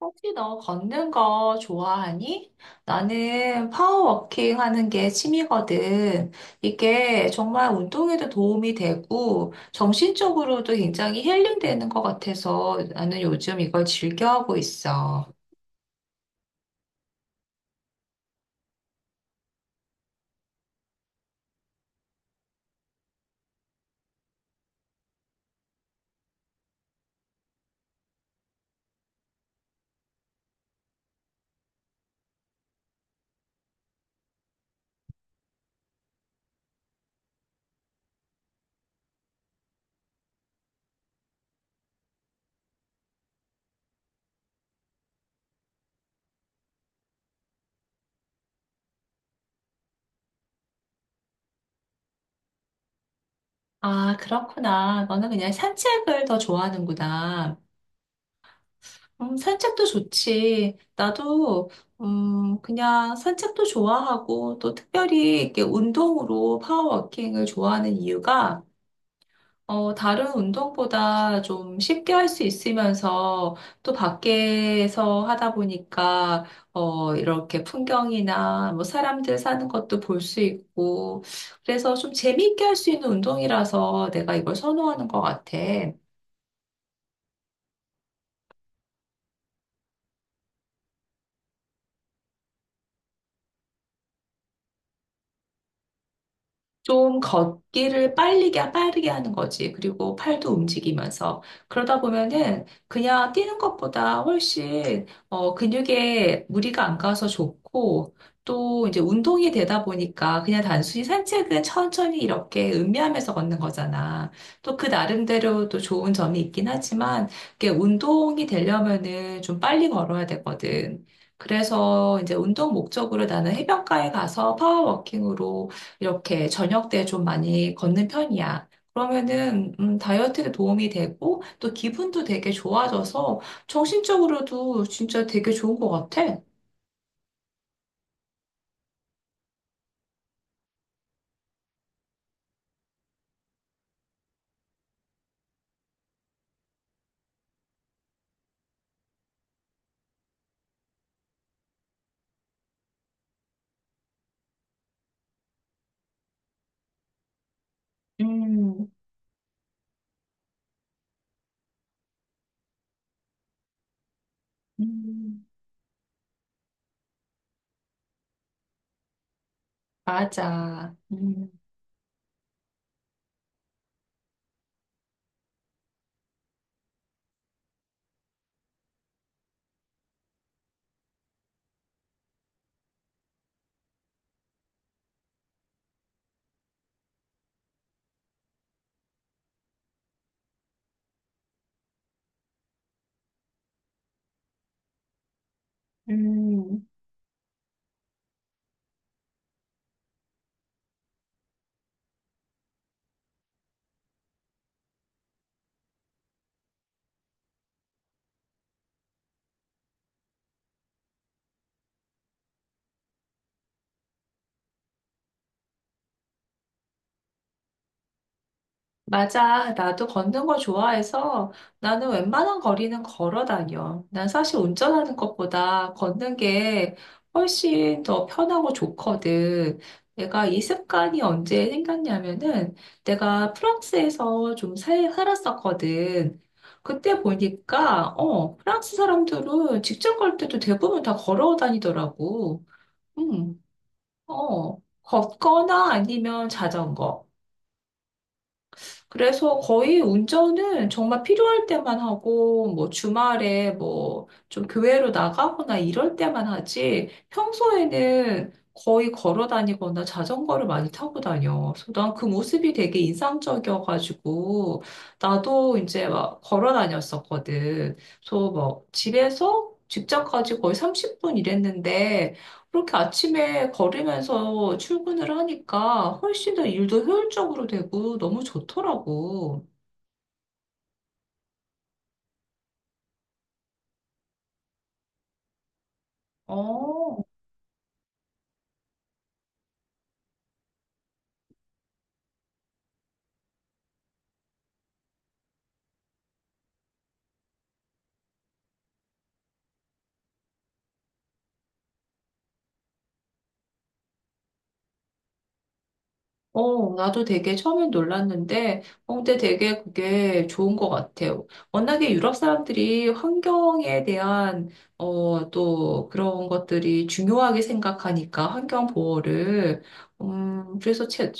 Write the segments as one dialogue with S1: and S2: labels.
S1: 혹시 너 걷는 거 좋아하니? 나는 파워워킹 하는 게 취미거든. 이게 정말 운동에도 도움이 되고 정신적으로도 굉장히 힐링되는 것 같아서 나는 요즘 이걸 즐겨하고 있어. 아, 그렇구나. 너는 그냥 산책을 더 좋아하는구나. 산책도 좋지. 나도 그냥 산책도 좋아하고 또 특별히 이렇게 운동으로 파워워킹을 좋아하는 이유가 다른 운동보다 좀 쉽게 할 수 있으면서 또 밖에서 하다 보니까, 이렇게 풍경이나 뭐 사람들 사는 것도 볼 수 있고, 그래서 좀 재미있게 할 수 있는 운동이라서 내가 이걸 선호하는 것 같아. 좀 빠르게 하는 거지. 그리고 팔도 움직이면서. 그러다 보면은 그냥 뛰는 것보다 훨씬, 근육에 무리가 안 가서 좋고, 또 이제 운동이 되다 보니까 그냥 단순히 산책은 천천히 이렇게 음미하면서 걷는 거잖아. 또 그 나름대로 또 좋은 점이 있긴 하지만, 이게 운동이 되려면은 좀 빨리 걸어야 되거든. 그래서 이제 운동 목적으로 나는 해변가에 가서 파워워킹으로 이렇게 저녁 때 좀 많이 걷는 편이야. 그러면은 다이어트에 도움이 되고 또 기분도 되게 좋아져서 정신적으로도 진짜 되게 좋은 것 같아. 음, 음, 맞아. 음. 맞아. 나도 걷는 걸 좋아해서 나는 웬만한 거리는 걸어 다녀. 난 사실 운전하는 것보다 걷는 게 훨씬 더 편하고 좋거든. 내가 이 습관이 언제 생겼냐면은 내가 프랑스에서 좀 살았었거든. 그때 보니까, 프랑스 사람들은 직장 갈 때도 대부분 다 걸어 다니더라고. 음, 어, 걷거나 아니면 자전거. 그래서 거의 운전은 정말 필요할 때만 하고, 뭐 주말에 뭐 좀 교회로 나가거나 이럴 때만 하지, 평소에는 거의 걸어 다니거나 자전거를 많이 타고 다녀. 그래서 난 그 모습이 되게 인상적이어가지고, 나도 이제 막 걸어 다녔었거든. 그래서 막 집에서 직장까지 거의 30분 일했는데, 그렇게 아침에 걸으면서 출근을 하니까 훨씬 더 일도 효율적으로 되고 너무 좋더라고. 어, 어, 나도 되게 처음엔 놀랐는데, 근데 되게 그게 좋은 것 같아요. 워낙에 유럽 사람들이 환경에 대한, 또 그런 것들이 중요하게 생각하니까, 환경 보호를. 음, 그래서 제,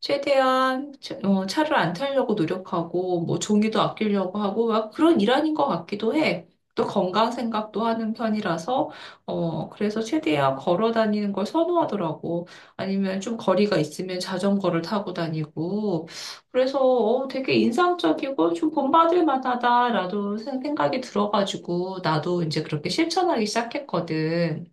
S1: 최대한 차를 안 타려고 노력하고 뭐 종이도 아끼려고 하고 막 그런 일환인 것 같기도 해. 또 건강 생각도 하는 편이라서 어 그래서 최대한 걸어 다니는 걸 선호하더라고. 아니면 좀 거리가 있으면 자전거를 타고 다니고 그래서 되게 인상적이고 좀 본받을 만하다라도 생각이 들어가지고 나도 이제 그렇게 실천하기 시작했거든.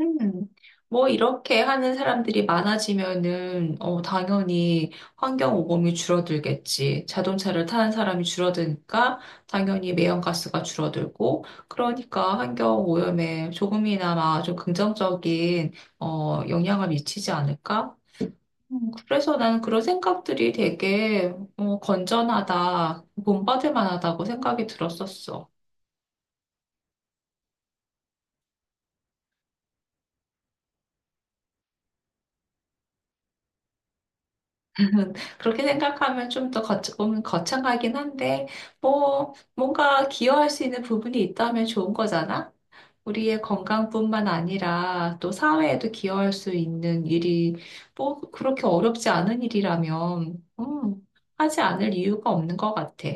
S1: 음, 뭐 이렇게 하는 사람들이 많아지면은 당연히 환경 오염이 줄어들겠지. 자동차를 타는 사람이 줄어드니까 당연히 매연가스가 줄어들고 그러니까 환경 오염에 조금이나마 좀 긍정적인 영향을 미치지 않을까? 그래서 나는 그런 생각들이 되게 건전하다, 본받을 만하다고 생각이 들었었어. 그렇게 생각하면 좀 더 거창하긴 한데, 뭔가 기여할 수 있는 부분이 있다면 좋은 거잖아? 우리의 건강뿐만 아니라 또 사회에도 기여할 수 있는 일이 뭐 그렇게 어렵지 않은 일이라면, 하지 않을 이유가 없는 것 같아.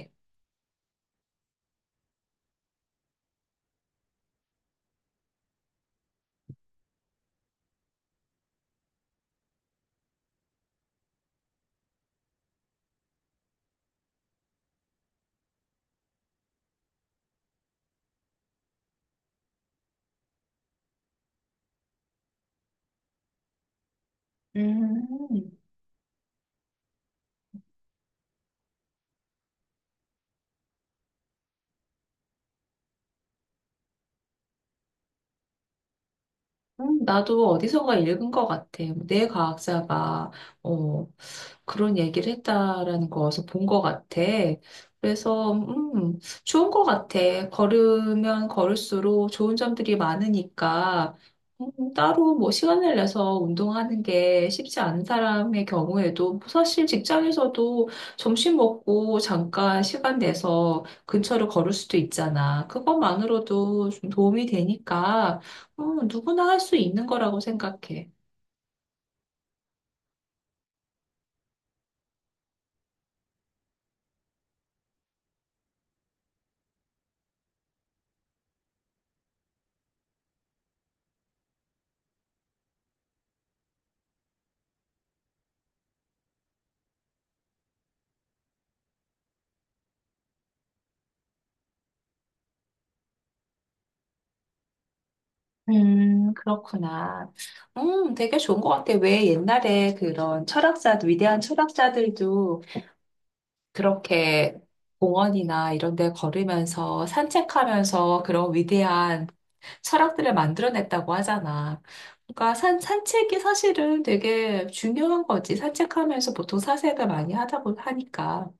S1: 음. 나도 어디선가 읽은 것 같아. 내 과학자가 어, 그런 얘기를 했다라는 거 어디서 본 것 같아. 그래서 좋은 것 같아. 걸으면 걸을수록 좋은 점들이 많으니까 따로 뭐 시간을 내서 운동하는 게 쉽지 않은 사람의 경우에도 사실 직장에서도 점심 먹고 잠깐 시간 내서 근처를 걸을 수도 있잖아. 그것만으로도 좀 도움이 되니까. 누구나 할 수 있는 거라고 생각해. 그렇구나. 되게 좋은 것 같아. 왜 옛날에 그런 철학자들, 위대한 철학자들도 그렇게 공원이나 이런 데 걸으면서 산책하면서 그런 위대한 철학들을 만들어냈다고 하잖아. 그러니까 산책이 사실은 되게 중요한 거지. 산책하면서 보통 사색을 많이 하다 보니까.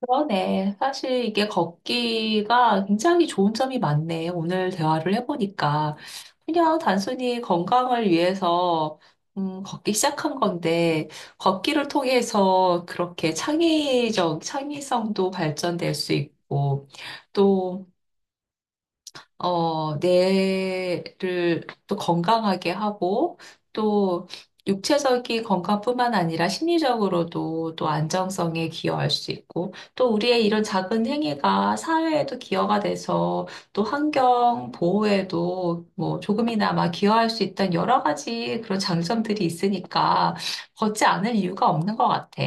S1: 그러네. 사실 이게 걷기가 굉장히 좋은 점이 많네. 오늘 대화를 해보니까. 그냥 단순히 건강을 위해서, 걷기 시작한 건데, 걷기를 통해서 그렇게 창의성도 발전될 수 있고, 또, 뇌를 또 건강하게 하고, 또 육체적인 건강뿐만 아니라 심리적으로도 또 안정성에 기여할 수 있고, 또 우리의 이런 작은 행위가 사회에도 기여가 돼서 또 환경 보호에도 뭐 조금이나마 기여할 수 있다는 여러 가지 그런 장점들이 있으니까 걷지 않을 이유가 없는 것 같아.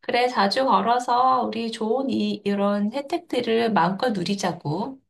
S1: 그래, 자주 걸어서 우리 좋은 이런 혜택들을 마음껏 누리자고.